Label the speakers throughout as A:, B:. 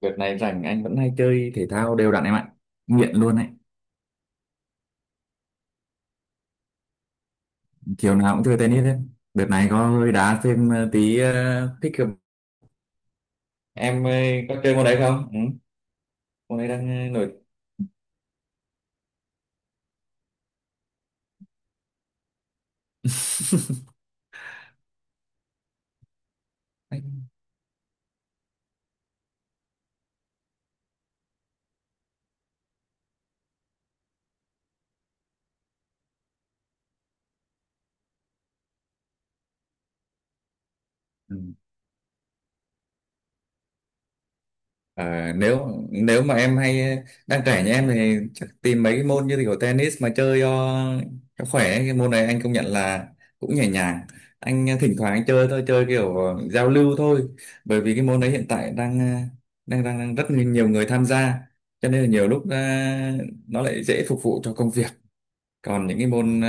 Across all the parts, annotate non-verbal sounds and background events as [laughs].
A: Đợt này rảnh anh vẫn hay chơi thể thao đều đặn em ạ. Nghiện luôn ấy. Chiều nào cũng chơi tennis hết. Đợt này có hơi đá thêm tí thích hợp. Em có chơi môn đấy không? Ừ. Môn đấy đang nổi. [laughs] Anh- Ừ. Ờ, nếu nếu mà em hay đang trẻ như em thì chắc tìm mấy cái môn như kiểu tennis mà chơi cho khỏe ấy. Cái môn này anh công nhận là cũng nhẹ nhàng, anh thỉnh thoảng anh chơi thôi, chơi kiểu giao lưu thôi, bởi vì cái môn đấy hiện tại đang đang rất nhiều người tham gia, cho nên là nhiều lúc nó lại dễ phục vụ cho công việc. Còn những cái môn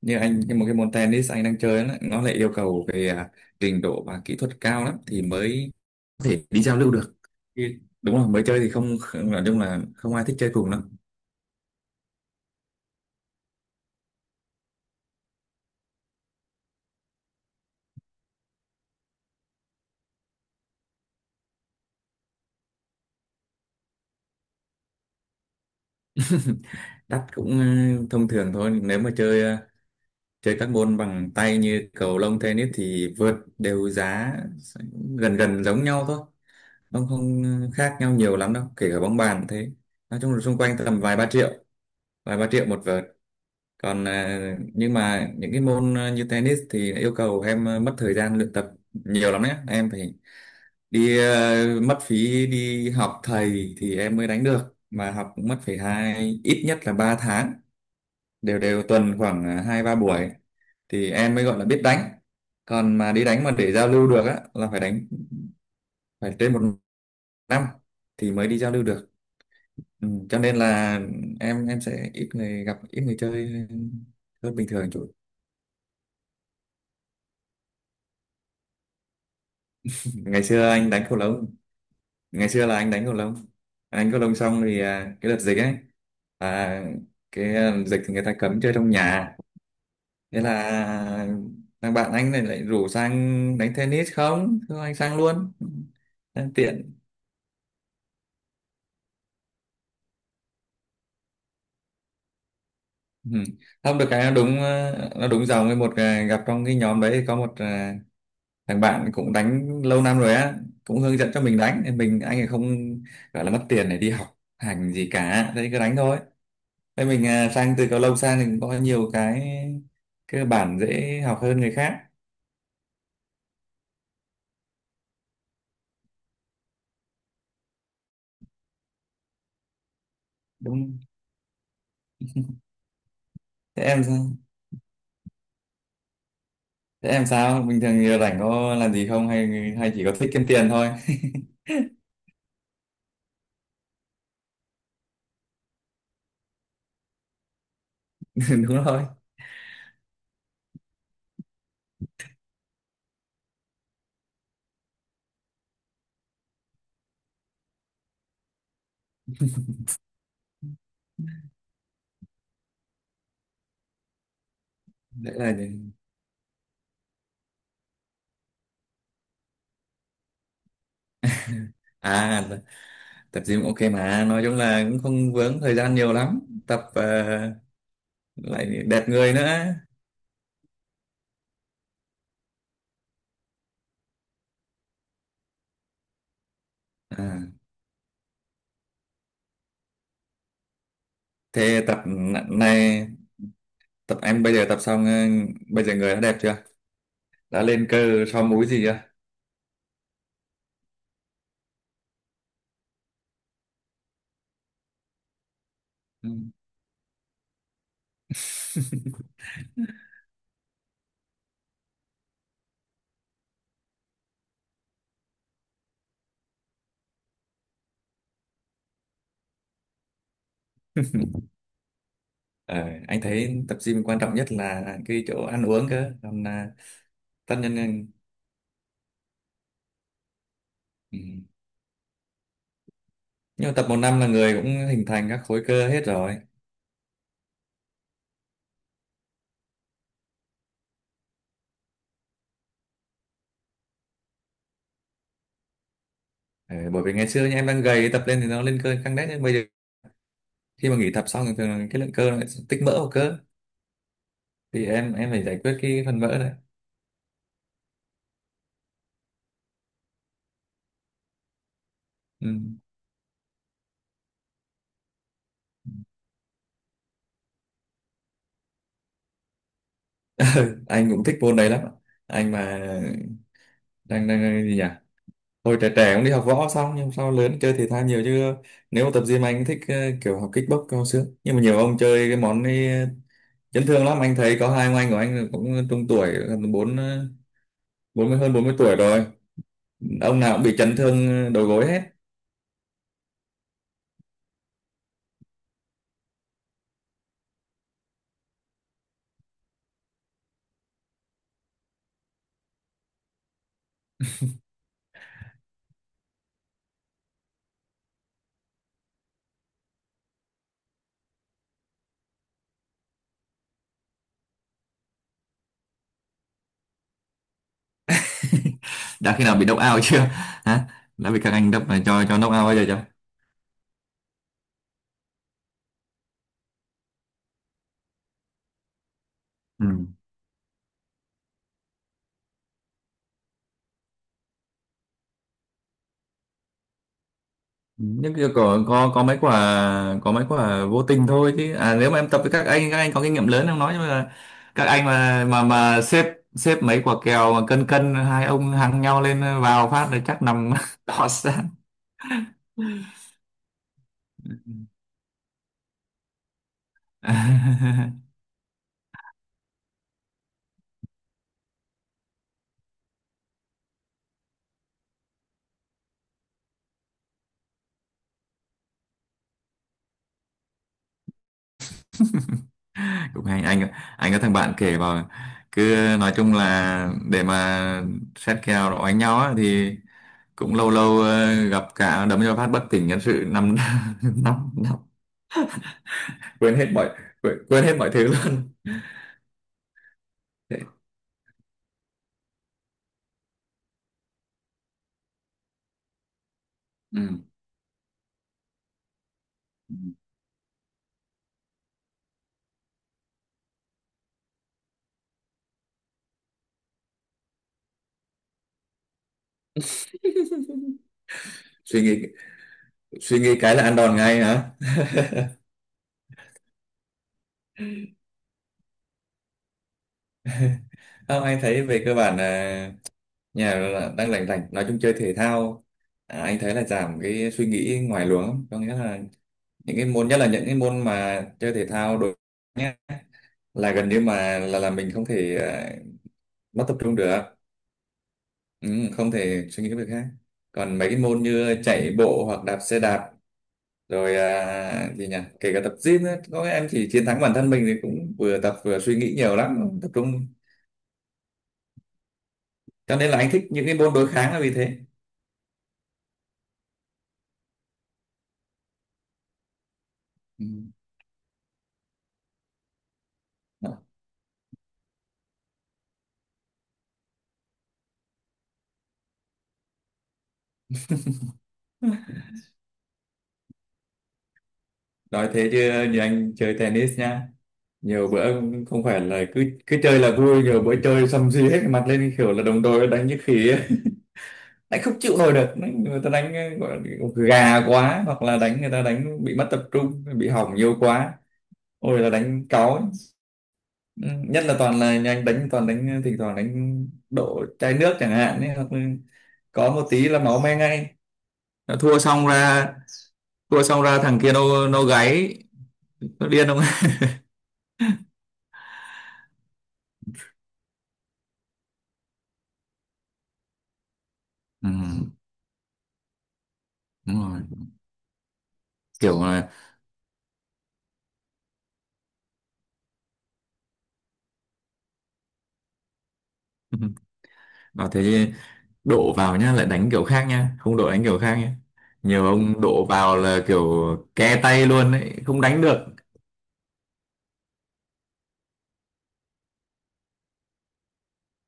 A: như anh, cái một cái môn tennis anh đang chơi, nó lại yêu cầu về trình độ và kỹ thuật cao lắm thì mới có thể đi giao lưu được, thì- đúng rồi, mới chơi thì không không- nói chung là không ai thích chơi cùng lắm. Đắt cũng ừ, thông thường thôi, nếu mà chơi chơi các môn bằng tay như cầu lông, tennis thì vợt đều giá gần gần giống nhau thôi, không không khác nhau nhiều lắm đâu, kể cả bóng bàn thế. Nói chung là xung quanh tầm vài ba triệu, vài ba triệu một vợt. Còn nhưng mà những cái môn như tennis thì yêu cầu em mất thời gian luyện tập nhiều lắm đấy, em phải đi mất phí đi học thầy thì em mới đánh được, mà học cũng mất phải hai, ít nhất là 3 tháng, đều đều tuần khoảng hai ba buổi thì em mới gọi là biết đánh. Còn mà đi đánh mà để giao lưu được á là phải đánh, phải trên một năm thì mới đi giao lưu được. Ừ, cho nên là em sẽ ít người gặp, ít người chơi hơn bình thường. Ngày xưa anh đánh cầu lông, ngày xưa là anh đánh cầu lông anh đánh cầu lông xong thì cái đợt dịch ấy, à, dịch thì người ta cấm chơi trong nhà, thế là à, thằng bạn anh này lại rủ sang đánh tennis, không thôi anh sang luôn, đang tiện. Ừ, không được cái nó đúng nó đúng dòng với một gặp trong cái nhóm đấy có một thằng bạn cũng đánh lâu năm rồi á, cũng hướng dẫn cho mình đánh, thì mình anh ấy không gọi là mất tiền để đi học hành gì cả, thế cứ đánh thôi. Thế mình sang từ cầu lông sang thì cũng có nhiều cái cơ bản dễ học hơn người khác, đúng không? Thế em sao? Bình thường giờ rảnh có làm gì không, hay hay chỉ có thích kiếm tiền thôi? [laughs] Đúng rồi. Đấy là à, tập gym ok, mà nói chung là cũng không vướng thời gian nhiều lắm, tập lại đẹp người nữa. à, thế này, tập em bây giờ tập xong bây giờ người đã đẹp chưa, đã lên cơ, so múi gì chưa? Ừ. [laughs] Ờ, anh thấy tập gym quan trọng nhất là cái chỗ ăn uống cơ, còn là tất nhiên là- ừ, nhưng mà tập một năm là người cũng hình thành các khối cơ hết rồi. Ờ, bởi vì ngày xưa nha, em đang gầy tập lên thì nó lên cơ căng đét, nhưng bây giờ khi mà nghỉ tập xong thì thường là cái lượng cơ nó lại tích mỡ vào cơ, thì em phải giải quyết cái phần mỡ này. Ừ. [laughs] Anh cũng thích môn đấy lắm, anh mà đang đang gì nhỉ, hồi trẻ trẻ cũng đi học võ xong nhưng sau lớn chơi thể thao nhiều chứ. Nếu mà tập gym anh thích kiểu học kickbox cao xương, nhưng mà nhiều ông chơi cái món ấy chấn thương lắm, anh thấy có hai ông anh của anh cũng trung tuổi, gần bốn 40, hơn 40 tuổi rồi, ông nào cũng bị chấn thương đầu gối hết. [laughs] Đã khi nào bị knock out chưa, hả? Đã bị các anh đập cho knock out bao giờ chưa? Ừ, nhưng kia có mấy quả, có mấy quả vô tình thôi, chứ à, nếu mà em tập với các anh, các anh có kinh nghiệm lớn em nói, nhưng mà các anh mà xếp, xếp mấy quả kèo mà cân cân hai ông hàng nhau lên, vào phát là chắc nằm [laughs] đỏ sang. [laughs] Cũng hay, anh có thằng bạn kể vào, cứ nói chung là để mà xét kèo đó đánh nhau á, thì cũng lâu lâu gặp cả đấm cho phát bất tỉnh nhân sự năm, [laughs] năm năm, quên hết mọi, quên hết mọi thứ luôn. Thế- Ừ. Ừ. Suy nghĩ, suy nghĩ cái là ăn đòn ngay hả? [laughs] Không, anh thấy về cơ bản là nhà là đang lành lành, nói chung chơi thể thao, anh thấy là giảm cái suy nghĩ ngoài luồng lắm. Có nghĩa là những cái môn, nhất là những cái môn mà chơi thể thao đối, nhé, là gần như mà là mình không thể mất tập trung được. Ừ, không thể suy nghĩ việc khác. Còn mấy cái môn như chạy bộ hoặc đạp xe đạp rồi gì nhỉ, kể cả tập gym ấy, có em chỉ chiến thắng bản thân mình thì cũng vừa tập vừa suy nghĩ nhiều lắm, tập trung. Cho nên là anh thích những cái môn đối kháng là vì thế. Ừ. Đó. Nói thế chứ, như anh chơi tennis nha, nhiều bữa không phải là cứ cứ chơi là vui, nhiều bữa chơi xăm xì hết cái mặt lên, kiểu là đồng đội đánh như khỉ ấy. [laughs] Anh không chịu nổi được người ta đánh gọi là gà quá, hoặc là đánh, người ta đánh bị mất tập trung bị hỏng nhiều quá, ôi là đánh cáu ấy. Ừ, nhất là toàn là nhà anh đánh, toàn đánh thỉnh thoảng đánh đổ chai nước chẳng hạn ấy, hoặc là có một tí là máu me ngay. Nó thua xong ra, thằng kia nó gáy nó điên không? [laughs] Ừ, đúng rồi, kiểu là [laughs] nó thế, đổ vào nhá lại đánh kiểu khác nhá, không đổ đánh kiểu khác nhá. Nhiều ông đổ vào là kiểu ke tay luôn ấy, không đánh được.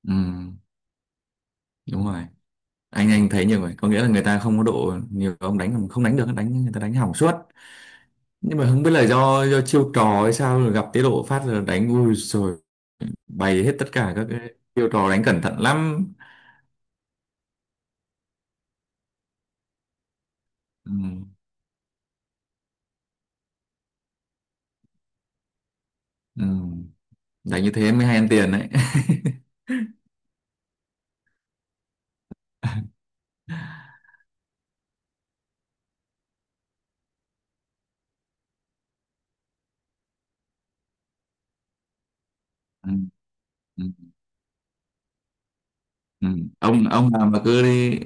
A: Ừ, đúng rồi, anh thấy nhiều người có nghĩa là người ta không có độ nhiều ông đánh mà không đánh được, đánh người ta đánh hỏng suốt, nhưng mà không biết là do chiêu trò hay sao, rồi gặp tiết độ phát rồi đánh ui rồi, bày hết tất cả các cái chiêu trò, đánh cẩn thận lắm. Ừ, ừ. Đánh như thế mới hay ăn tiền đấy. [laughs] Ừ, ừ, ừ. Ông nào mà cứ đi,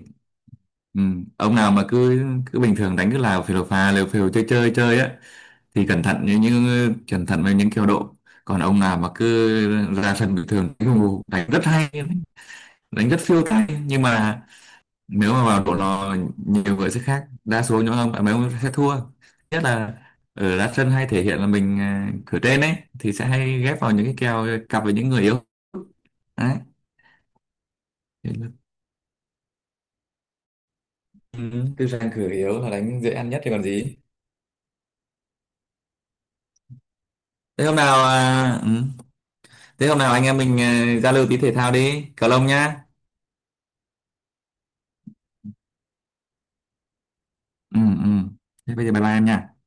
A: ừ, ông nào mà cứ cứ bình thường đánh cứ là phều phà liều phều chơi chơi chơi á, thì cẩn thận như những, cẩn thận với những kiểu độ. Còn ông nào mà cứ ra sân bình thường đánh, đánh rất hay, đánh rất phiêu tay, nhưng mà nếu mà vào độ lò nhiều người sẽ khác, đa số những ông bạn mấy ông sẽ thua. Nhất là ở đá chân hay thể hiện là mình cửa trên ấy, thì sẽ hay ghép vào những cái kèo cặp với những người yếu. Đấy. Thế là- Ừ, tư sang cửa yếu là đánh dễ ăn nhất thì còn gì. Thế hôm nào ừ, thế hôm nào anh em mình giao lưu tí thể thao đi, cầu lông nhá. Ừ, ừ, thế bây giờ bye bye em nha.